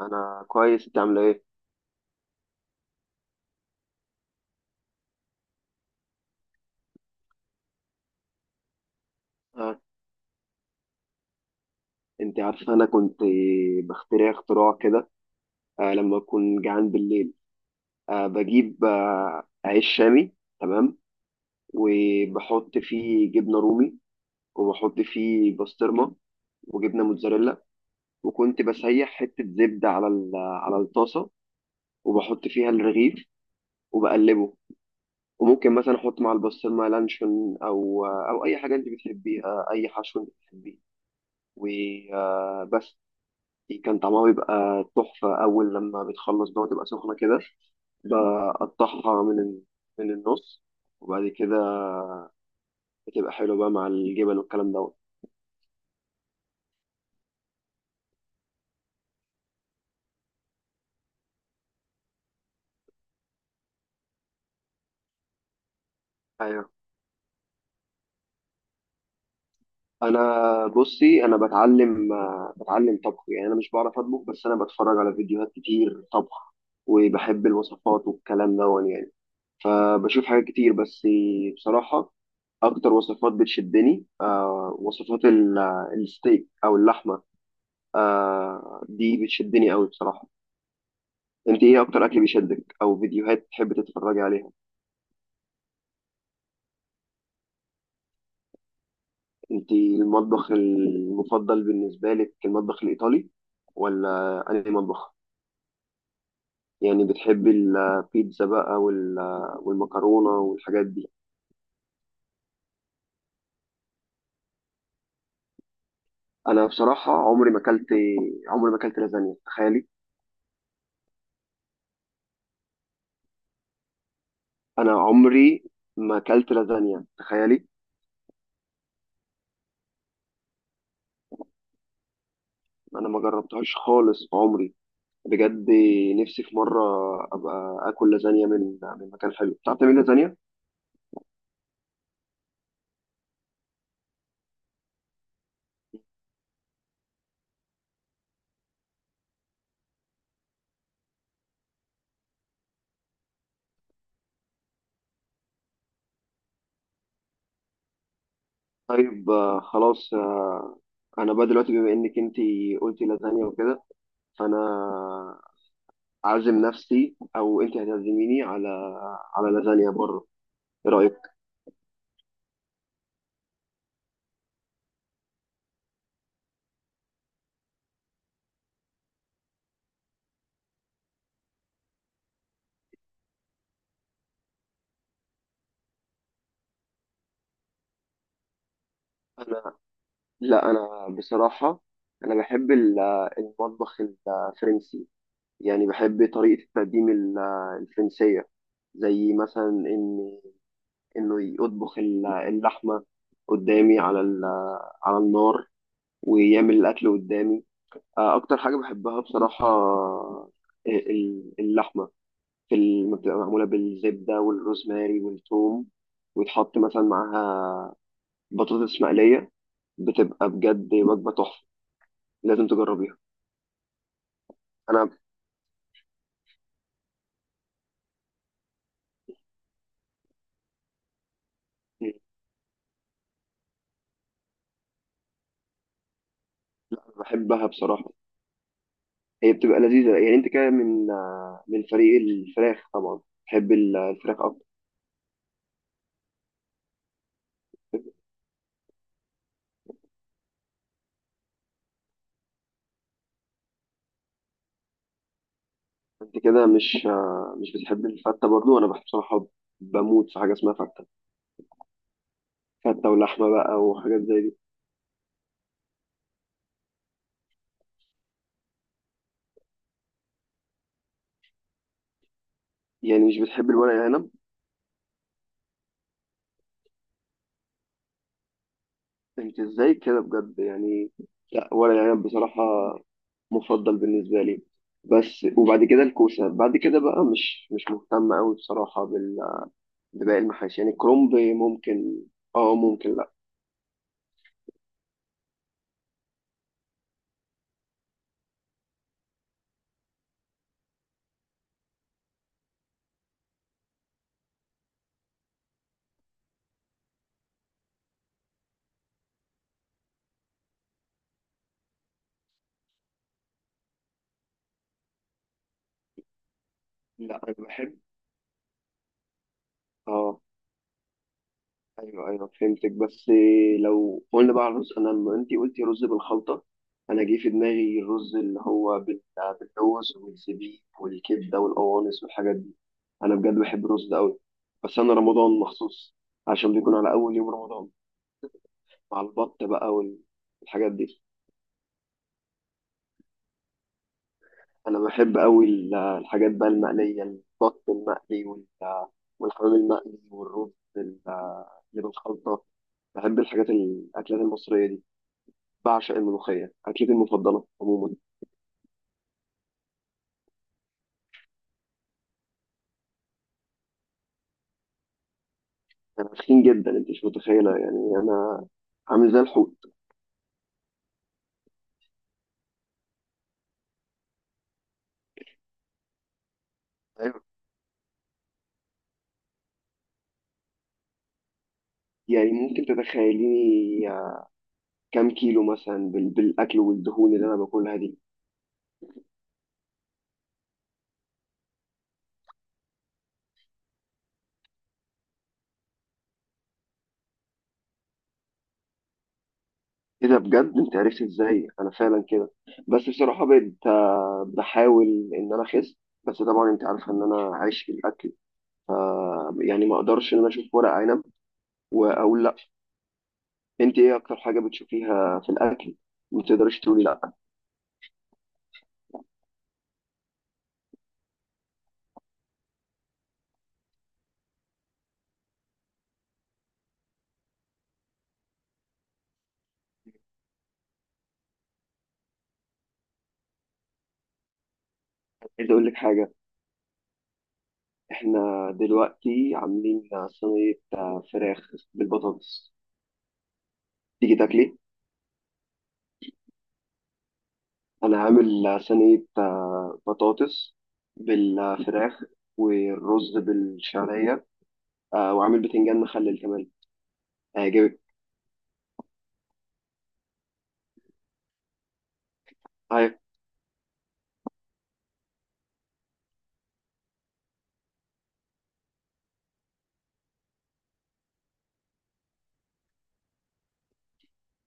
انا كويس، انت عامله ايه؟ آه. انت عارفه، انا كنت بخترع اختراع كده لما اكون جعان بالليل. بجيب عيش شامي. تمام. وبحط فيه جبنه رومي، وبحط فيه بسطرمه، وجبنه موتزاريلا. وكنت بسيح حته زبده على الطاسه وبحط فيها الرغيف وبقلبه. وممكن مثلا احط مع البسطرمه لانشون او اي حاجه انت بتحبيها، اي حشو انت بتحبيه. وبس. كان طعمها بيبقى تحفة أول لما بتخلص بقى وتبقى سخنة كده. بقطعها من النص، وبعد كده بتبقى حلوة بقى مع الجبن والكلام دوت. أيوه. أنا بصي، أنا بتعلم طبخ. يعني أنا مش بعرف أطبخ بس أنا بتفرج على فيديوهات كتير طبخ. وبحب الوصفات والكلام دوت يعني. بشوف حاجات كتير بس بصراحة. أكتر وصفات بتشدني وصفات الستيك أو اللحمة. دي بتشدني أوي بصراحة. انت ايه اكتر اكل بيشدك او فيديوهات تحب تتفرجي عليها؟ انت المطبخ المفضل بالنسبه لك المطبخ الايطالي، ولا انهي مطبخ؟ يعني بتحبي البيتزا بقى والمكرونه والحاجات دي؟ انا بصراحه، عمري ما اكلت لازانيا تخيلي. انا عمري ما اكلت لازانيا تخيلي. انا ما جربتهاش خالص في عمري بجد. نفسي في مره ابقى اكل لازانيا من مكان حلو. بتعرف تعملي لازانيا؟ طيب، خلاص. انا بقى دلوقتي، بما انك انت قلتي لازانيا وكده، فانا عازم نفسي او انت هتعزميني على لازانيا بره. ايه رايك؟ انا لا، انا بصراحه انا بحب المطبخ الفرنسي. يعني بحب طريقه التقديم الفرنسيه. زي مثلا انه يطبخ اللحمه قدامي على النار ويعمل الاكل قدامي. اكتر حاجه بحبها بصراحه، اللحمه بتبقى معموله بالزبده والروزماري والثوم، ويتحط مثلا معاها بطاطس مقليه. بتبقى بجد وجبه تحفه، لازم تجربيها. انا بحبها بصراحه، هي بتبقى لذيذه. يعني انت كده من فريق الفراخ طبعا. بحب الفراخ اكتر. انت كده مش بتحب الفته برضو؟ انا بحب بصراحه، بموت في حاجه اسمها فته. فته ولحمه بقى وحاجات زي دي. يعني مش بتحب الورق العنب؟ انت ازاي كده بجد يعني؟ لا، ورق العنب بصراحة مفضل بالنسبة لي. بس وبعد كده الكوسة. بعد كده بقى مش مهتم قوي بصراحة بباقي المحاشي. يعني كرومب ممكن. اه ممكن، لا. لا، انا بحب. اه ايوه، ايوه، فهمتك. بس لو قلنا بقى على الرز، انا لما انت قلتي رز بالخلطه، انا جه في دماغي الرز اللي هو بالرز والزبيب والكبده والقوانص والحاجات دي. انا بجد بحب الرز ده قوي، بس انا رمضان مخصوص عشان بيكون على اول يوم رمضان مع البط بقى والحاجات دي. انا بحب قوي الحاجات بقى المقليه: البط المقلي والحمام المقلي، والرز ال- اللي بالخلطه. بحب الحاجات، الاكلات المصريه دي. بعشق الملوخية، أكلتي المفضلة عموما. أنا تخين جدا أنت مش متخيلة، يعني أنا عامل زي الحوت. أيوة. يعني ممكن تتخيليني كام كيلو مثلا بالأكل والدهون اللي أنا باكلها دي. إيه ده بجد، أنت عرفت إزاي أنا فعلا كده. بس بصراحة بقيت بحاول إن أنا أخس. بس طبعا أنت عارفة إن أنا عايش في الأكل، ف يعني ما أقدرش إن أنا أشوف ورق عنب وأقول لأ. أنت إيه أكتر حاجة بتشوفيها في الأكل ما تقدريش تقولي لأ؟ عايز اقول لك حاجه. احنا دلوقتي عاملين صينيه فراخ بالبطاطس. تيجي تاكلي؟ انا عامل صينيه بطاطس بالفراخ والرز بالشعريه، وعامل بتنجان مخلل كمان. هيعجبك. هاي-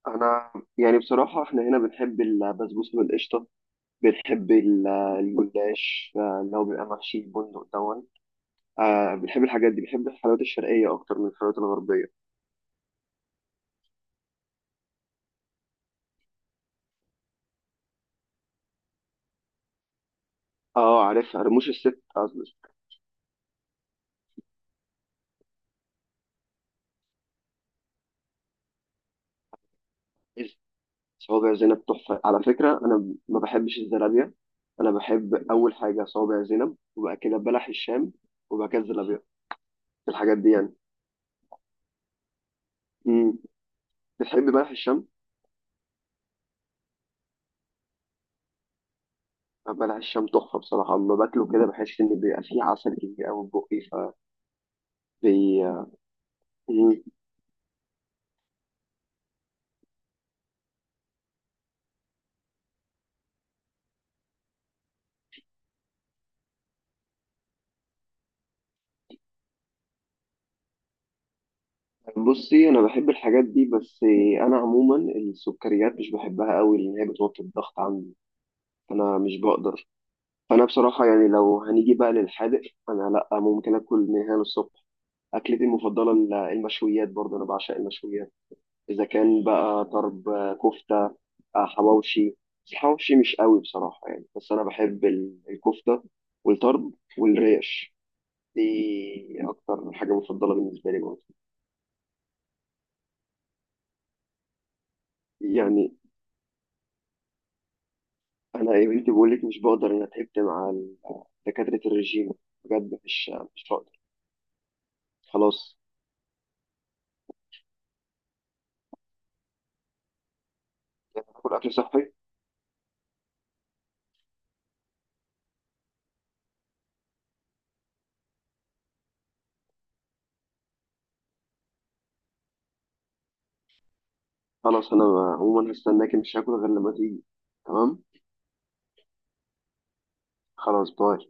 انا يعني بصراحه احنا هنا بنحب البسبوسه بالقشطه. بتحبي الجلاش، اللي هو بيبقى محشي البندق دون؟ آه، بتحبي الحاجات دي؟ بتحبي الحلويات الشرقية أكتر من الحلويات الغربية؟ اه، عارفها، رموش الست قصدي. صوابع زينب تحفة على فكرة. أنا ما بحبش الزلابية. أنا بحب أول حاجة صوابع زينب، وبعد كده بلح الشام، وبعد كده الزلابية. الحاجات دي يعني. مم. بتحبي بلح الشام؟ آه، بلح الشام تحفة بصراحة. أما باكله كده بحس إن بيبقى فيه عسل كتير أوي في بقي، ف بي... بصي، انا بحب الحاجات دي بس. انا عموما السكريات مش بحبها قوي لان هي بتوطي الضغط عندي، فانا مش بقدر. فانا بصراحه يعني، لو هنيجي بقى للحادق، انا لا ممكن اكل من هنا للصبح. اكلتي المفضله المشويات برضه. انا بعشق المشويات. اذا كان بقى طرب، كفته، حواوشي. بس الحواوشي مش قوي بصراحه يعني. بس انا بحب الكفته والطرب والريش. دي اكتر حاجه مفضله بالنسبه لي برضه. يعني انا يا بنتي بقول لك مش بقدر. انا تعبت مع دكاتره الرجيم بجد، مش بقدر. خلاص هاكل اكل صحي. خلاص. انا عموما هستناك، مش هاكل غير لما تيجي. تمام. خلاص، باي.